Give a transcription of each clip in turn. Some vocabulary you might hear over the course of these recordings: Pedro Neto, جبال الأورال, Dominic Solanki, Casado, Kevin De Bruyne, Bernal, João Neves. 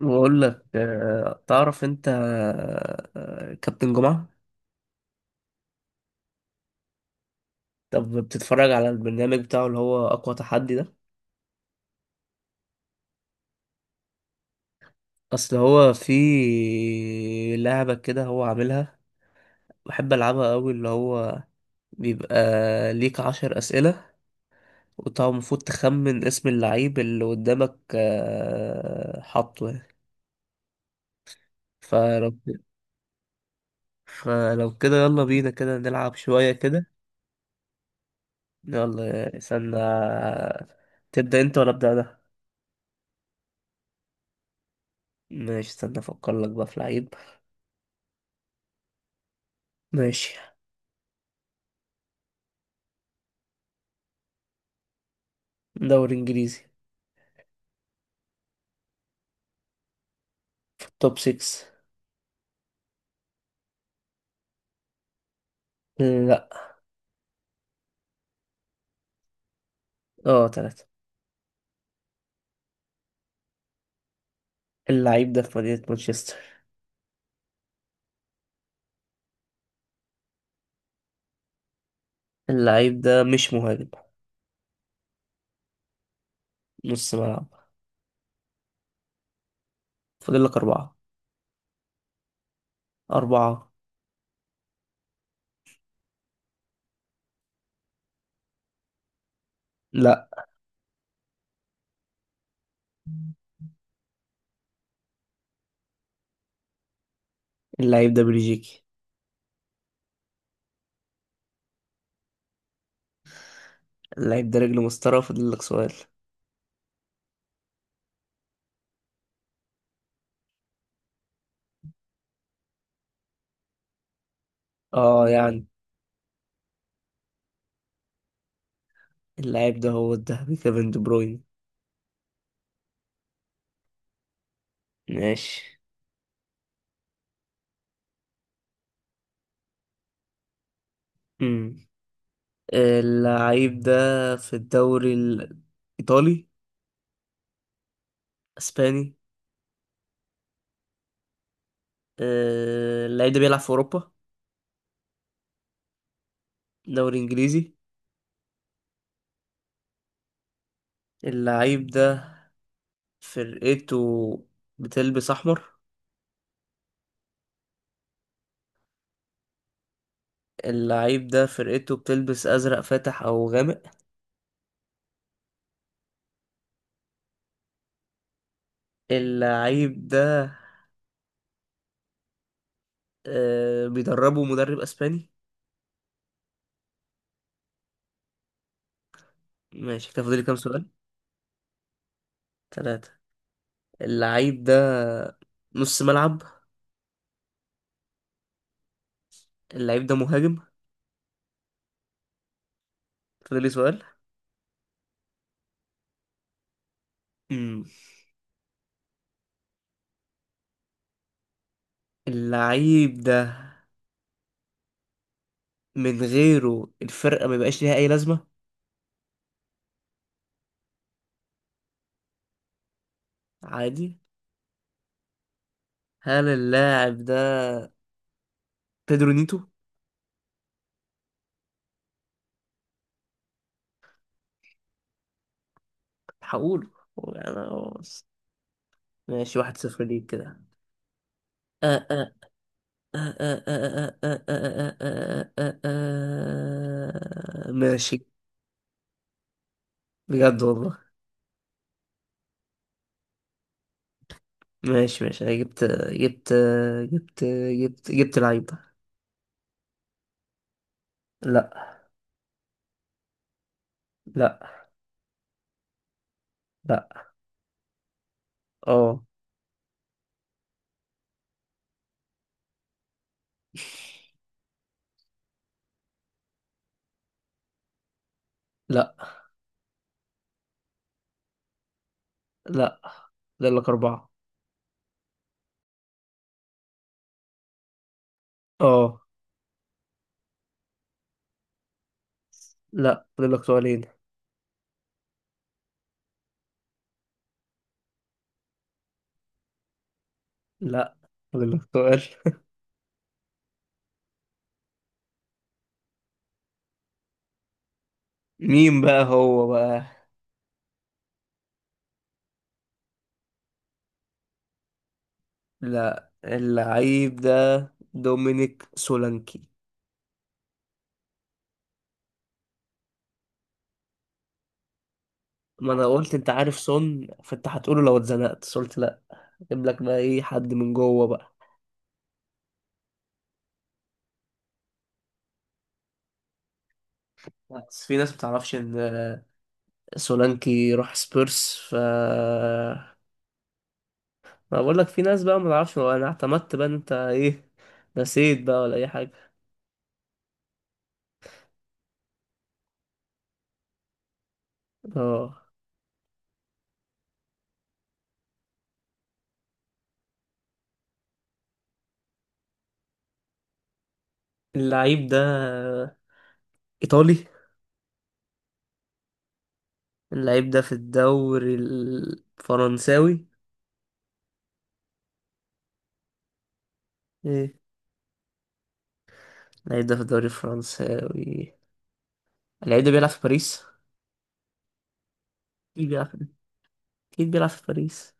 بقول لك تعرف انت. كابتن جمعة. طب بتتفرج على البرنامج بتاعه اللي هو اقوى تحدي ده. اصل هو في لعبة كده هو عاملها بحب العبها قوي اللي هو بيبقى ليك 10 اسئلة، وانت المفروض تخمن اسم اللعيب اللي قدامك حاطه يعني. فلو فلو كده يلا بينا كده نلعب شوية كده. يلا استنى. تبدأ انت ولا ابدأ انا؟ ماشي استنى افكر لك بقى في لعيب. ماشي. دوري انجليزي. في التوب 6. لا. اه، تلاتة. اللعيب ده في مدينة مانشستر. اللعيب ده مش مهاجم. نص ملعب. فاضل لك أربعة. أربعة. لا. اللعيب ده بلجيكي. اللعيب ده رجل مسطرة، فاضل لك سؤال. اه يعني. اللعيب ده هو الذهبي كيفن دي بروين. ماشي. امم اللعيب ده في الدوري الإيطالي. أسباني. اللعيب ده بيلعب في أوروبا. دوري إنجليزي. اللعيب ده فرقته بتلبس أحمر. اللعيب ده فرقته بتلبس أزرق فاتح أو غامق. اللعيب ده بيدربه مدرب أسباني. ماشي كده، فاضل لي كام سؤال؟ ثلاثة. اللعيب ده نص ملعب. اللعيب ده مهاجم. فاضل لي سؤال. مم. اللعيب ده من غيره الفرقة ما يبقاش ليها أي لازمة. عادي. هل اللاعب ده بيدرو نيتو؟ هقوله. أنا. ماشي، 1-0 ليك كده. ماشي. بجد والله. ماشي ماشي، انا جبت جبت لعيبة. لا. لا. لا. اه. لا لا، فاضل لك أربعة. اه. لا، فاضل لك سؤالين. لا، فاضل لك سؤال. مين بقى هو بقى؟ لا، اللعيب ده دومينيك سولانكي. ما انا قلت انت عارف سون، فانت هتقوله لو اتزنقت، بس قلت لا. جيب لك بقى ايه حد من جوه بقى. بس في ناس بتعرفش ان سولانكي راح سبيرس ما بقول لك. في ناس بقى ما تعرفش، انا اعتمدت بقى إن انت ايه، نسيت بقى ولا اي حاجه. اه. اللعيب ده ايطالي. اللعيب ده في الدوري الفرنساوي. ايه؟ اللعيب ده في الدوري الفرنساوي. اللعيب ده بيلعب في باريس. اكيد بيلعب اكيد بيلعب في باريس.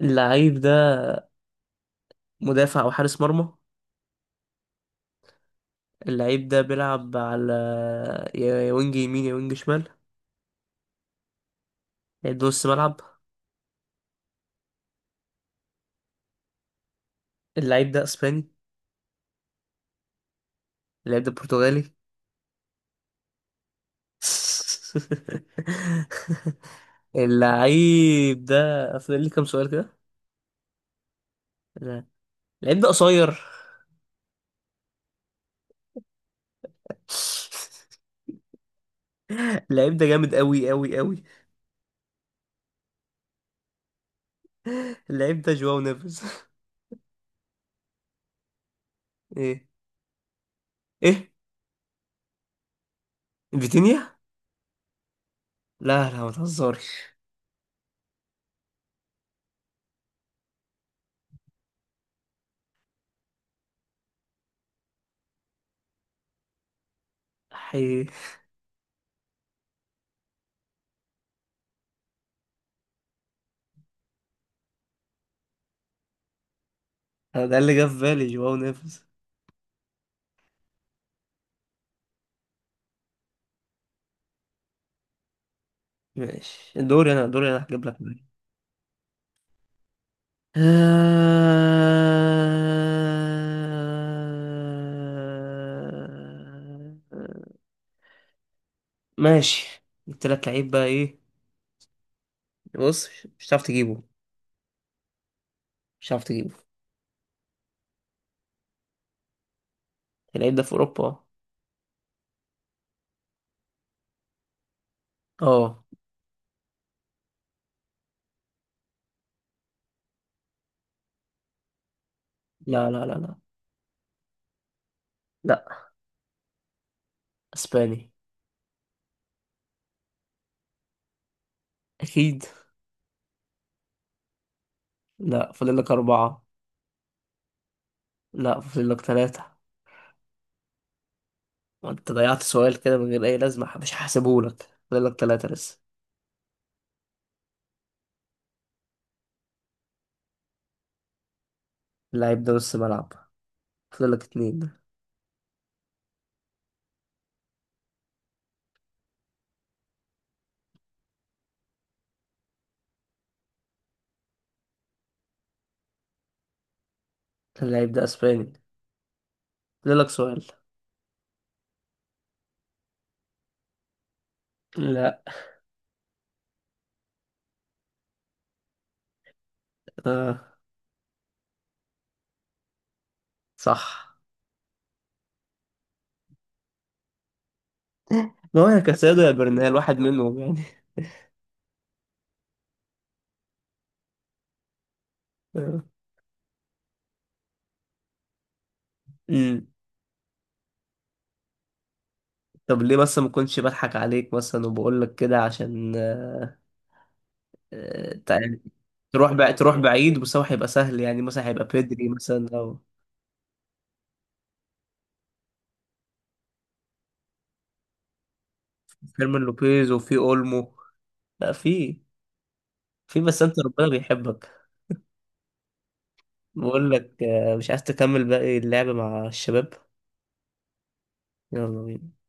اللعيب ده مدافع او حارس مرمى. اللعيب ده بيلعب على يا وينج يمين، يا وينج شمال، يا نص ملعب. اللعيب ده اسباني. اللعيب ده برتغالي. اللعيب ده. فاضل لي كام سؤال كده؟ لا. اللعيب ده قصير. اللعيب ده جامد قوي قوي قوي. اللعيب ده جواو نيفيز. ايه. ايه. فيتينيا. لا لا، ما تهزرش. حي. ده اللي جه في بالي جواو نيفيز. ماشي، دوري انا، دوري انا هجيب لك. آه، ماشي، التلات لعيب بقى ايه؟ بص، مش هتعرف تجيبه. مش هتعرف تجيبه. اللعيب ده في اوروبا. اه. لا لا لا لا. لا. اسباني. اكيد. لا، فاضل لك اربعة. لا، فاضل لك تلاتة. وانت ضيعت سؤال كده من غير اي لازمة، مش هحسبه لك. فاضل لك تلاتة لسه. اللعيب ده نص ملعب. فاضل لك اتنين. اللعيب ده اسباني. فاضل لك سؤال. لا. آه. صح. ما هو يا كاسادو يا برنال، واحد منهم يعني. امم طب ليه بس؟ ما كنتش بضحك عليك مثلا وبقول لك كده عشان آه، تع- تروح بقى، تروح بعيد، بس هو هيبقى سهل يعني، مثلا هيبقى بيدري مثلا او فيرمين لوبيز، وفي اولمو. لا، في بس انت ربنا بيحبك. بقول لك مش عايز تكمل باقي اللعب مع الشباب؟ يلا بينا.